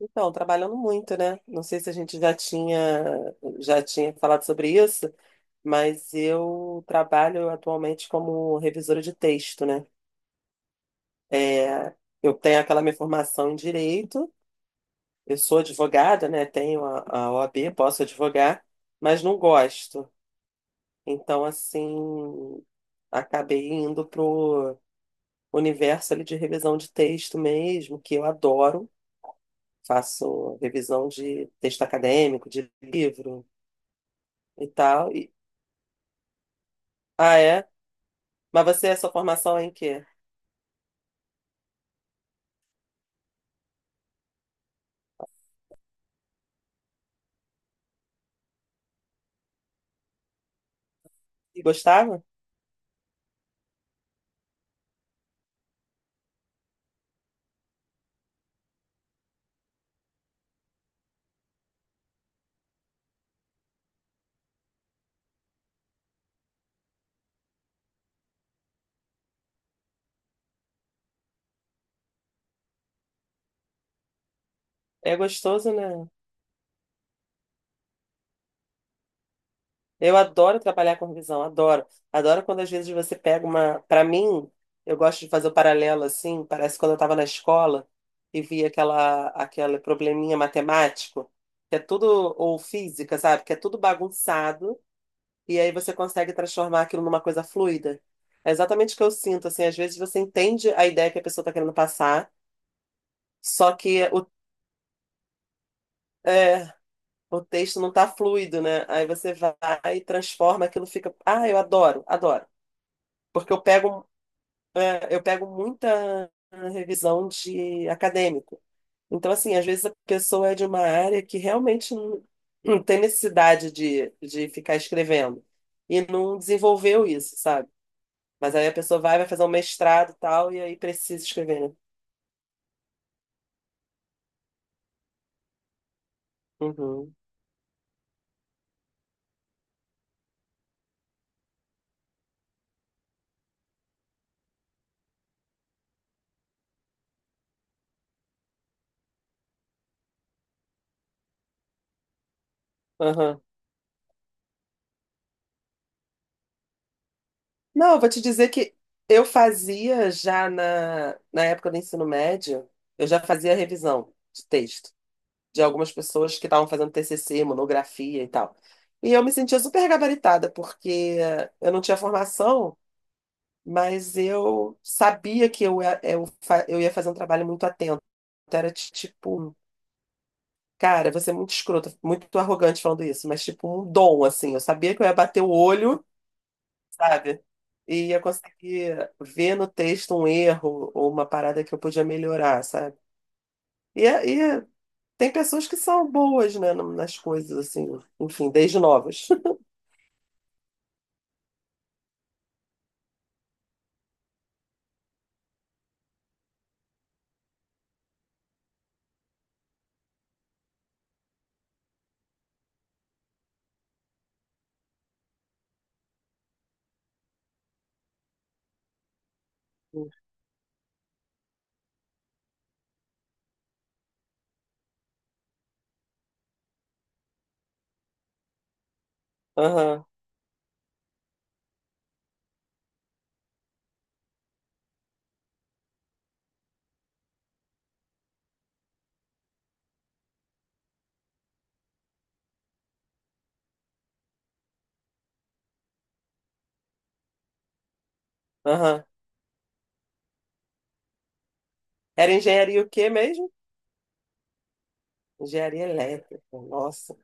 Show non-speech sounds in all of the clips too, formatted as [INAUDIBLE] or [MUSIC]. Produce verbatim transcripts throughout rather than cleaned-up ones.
Então, trabalhando muito, né? Não sei se a gente já tinha, já tinha falado sobre isso, mas eu trabalho atualmente como revisora de texto, né? É, eu tenho aquela minha formação em direito, eu sou advogada, né? Tenho a, a O A B, posso advogar, mas não gosto. Então, assim, acabei indo pro universo ali de revisão de texto mesmo, que eu adoro. Faço revisão de texto acadêmico, de livro e tal. E- Ah, é? Mas você, a sua formação é em quê? E gostava? É gostoso, né? Eu adoro trabalhar com revisão, adoro. Adoro quando às vezes você pega uma. Para mim, eu gosto de fazer o paralelo assim, parece quando eu estava na escola e via aquela, aquele probleminha matemático, que é tudo, ou física, sabe? Que é tudo bagunçado, e aí você consegue transformar aquilo numa coisa fluida. É exatamente o que eu sinto, assim, às vezes você entende a ideia que a pessoa está querendo passar, só que o é, o texto não tá fluido, né? Aí você vai e transforma, aquilo fica. Ah, eu adoro, adoro. Porque eu pego, é, eu pego muita revisão de acadêmico. Então, assim, às vezes a pessoa é de uma área que realmente não, não tem necessidade de, de ficar escrevendo. E não desenvolveu isso, sabe? Mas aí a pessoa vai, vai fazer um mestrado e tal, e aí precisa escrever, né? Uhum. Aham. Não, eu vou te dizer que eu fazia já na, na época do ensino médio, eu já fazia revisão de texto de algumas pessoas que estavam fazendo T C C, monografia e tal. E eu me sentia super gabaritada, porque eu não tinha formação, mas eu sabia que eu, ia- eu, fa- eu ia fazer um trabalho muito atento. Então, Era ti- tipo, cara, você é muito escrota, muito arrogante falando isso, mas tipo um dom, assim. Eu sabia que eu ia bater o olho sabe? E ia conseguir ver no texto um erro ou uma parada que eu podia melhorar, sabe? E, é- e é- Tem pessoas que são boas, né, no- nas coisas, assim, enfim, desde novas. [LAUGHS] Aham, aham. Era engenharia o quê mesmo? Engenharia elétrica, nossa.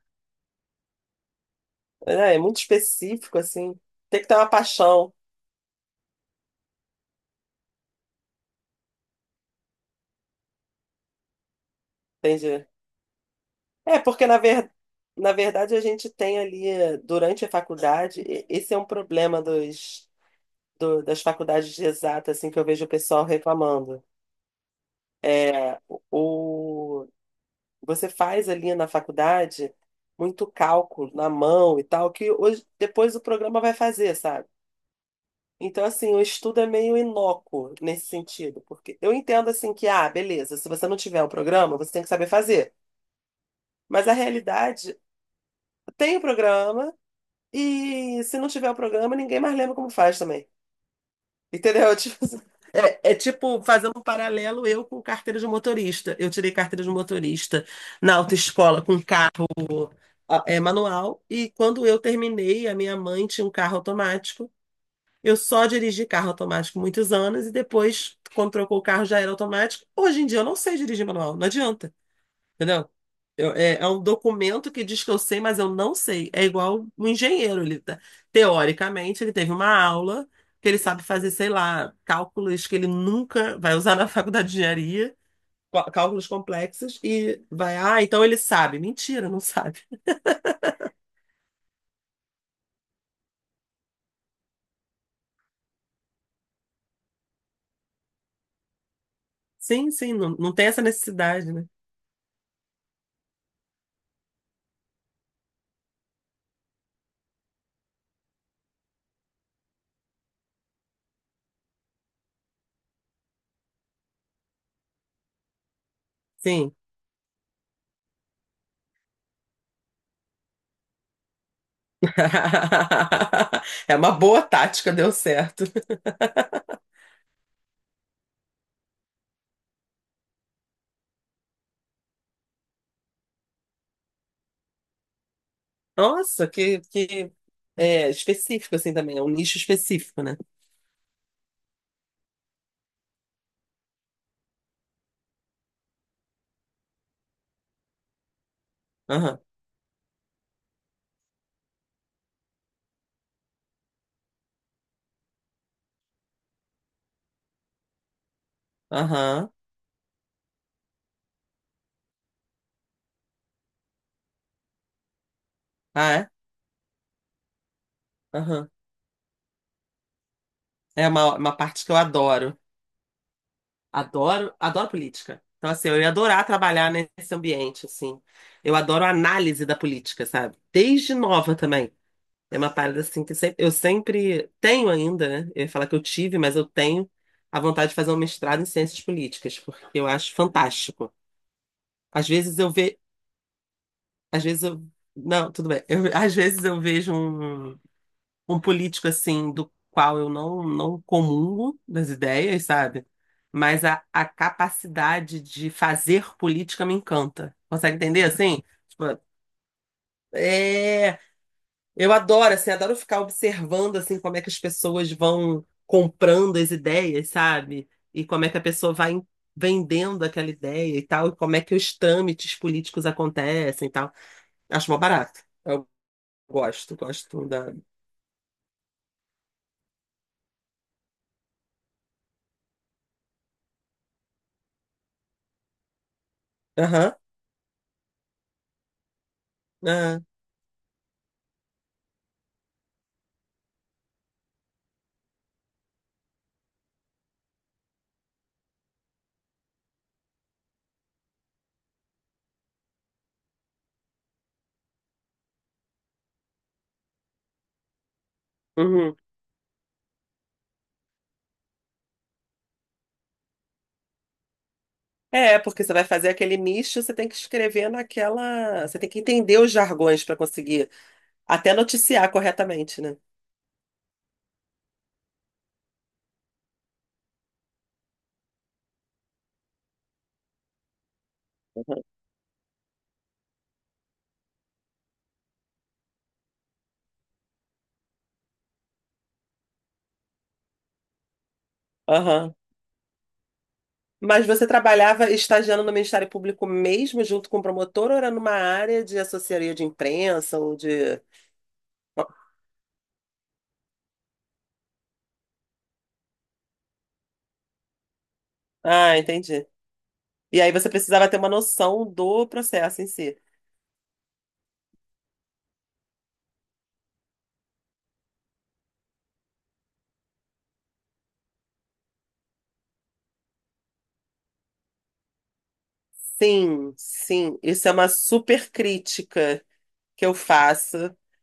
É, é muito específico, assim. Tem que ter uma paixão, entende? É, porque na ver... na verdade a gente tem ali, durante a faculdade, e- esse é um problema dos do- das faculdades de exatas, assim, que eu vejo o pessoal reclamando. É, o, você faz ali na faculdade muito cálculo na mão e tal, que hoje, depois o programa vai fazer, sabe? Então, assim, o estudo é meio inócuo nesse sentido, porque eu entendo, assim, que, ah, beleza, se você não tiver o programa, você tem que saber fazer. Mas a realidade, tem o programa, e se não tiver o programa, ninguém mais lembra como faz também. Entendeu? [LAUGHS] Tipo, assim, É, é tipo, fazendo um paralelo, eu com carteira de motorista. Eu tirei carteira de motorista na autoescola com carro ah, é, manual, e quando eu terminei, a minha mãe tinha um carro automático. Eu só dirigi carro automático muitos anos, e depois, quando trocou o carro, já era automático. Hoje em dia, eu não sei dirigir manual, não adianta. Entendeu? Eu- é, é um documento que diz que eu sei, mas eu não sei. É igual um engenheiro. Ele, tá- teoricamente, ele teve uma aula que ele sabe fazer, sei lá, cálculos que ele nunca vai usar na [LAUGHS] faculdade de engenharia, có- cálculos complexos, e vai, ah, então ele sabe. Mentira, não sabe. Sim, sim, não, não tem essa necessidade, né? Sim. [LAUGHS] É uma boa tática, deu certo. Nossa, que, que é, específico assim também, é um nicho específico, né? Aham, aham. Ah, é? Aham. É uma, uma parte que eu adoro. Adoro, adoro política. Então, assim, eu ia adorar trabalhar nesse ambiente, assim. Eu adoro a análise da política, sabe? Desde nova também. É uma parada, assim, que sempre, eu sempre tenho ainda, né? Eu ia falar que eu tive, mas eu tenho a vontade de fazer um mestrado em ciências políticas, porque eu acho fantástico. Às vezes eu vejo... Às vezes eu... Não, tudo bem. Eu- às vezes eu vejo um... um político assim do qual eu não não comungo das ideias, sabe? Mas a, a capacidade de fazer política me encanta. Consegue entender assim? Tipo, é, eu adoro assim, adoro ficar observando assim como é que as pessoas vão comprando as ideias, sabe? E como é que a pessoa vai em- vendendo aquela ideia e tal, e como é que os trâmites políticos acontecem e tal. Acho mó barato. Eu gosto, gosto da. Aham. aham. Uhum. É, porque você vai fazer aquele misto, você tem que escrever naquela. Você tem que entender os jargões para conseguir até noticiar corretamente, né? Uhum. Aham. Mas você trabalhava estagiando no Ministério Público mesmo, junto com o promotor, ou era numa área de assessoria de imprensa ou de. Ah, entendi. E aí você precisava ter uma noção do processo em si. Sim, sim. Isso é uma super crítica que eu faço,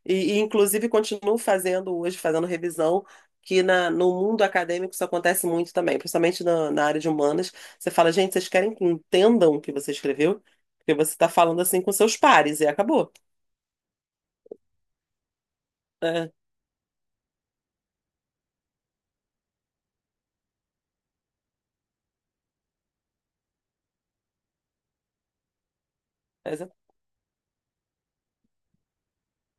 e, e, inclusive continuo fazendo hoje, fazendo revisão, que na, no mundo acadêmico isso acontece muito também, principalmente na, na área de humanas. Você fala, gente, vocês querem que entendam o que você escreveu? Porque você está falando assim com seus pares e acabou. É, mas é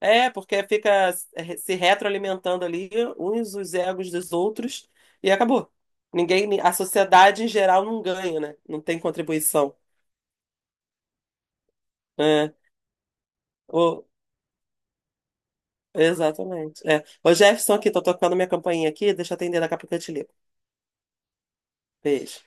é, Porque fica se retroalimentando ali uns os egos dos outros e acabou. Ninguém, a sociedade em geral não ganha, né? Não tem contribuição. É. Exatamente. É. Ô, Jefferson, aqui, tô tocando minha campainha aqui, deixa eu atender, daqui a pouco eu te ligo. Beijo.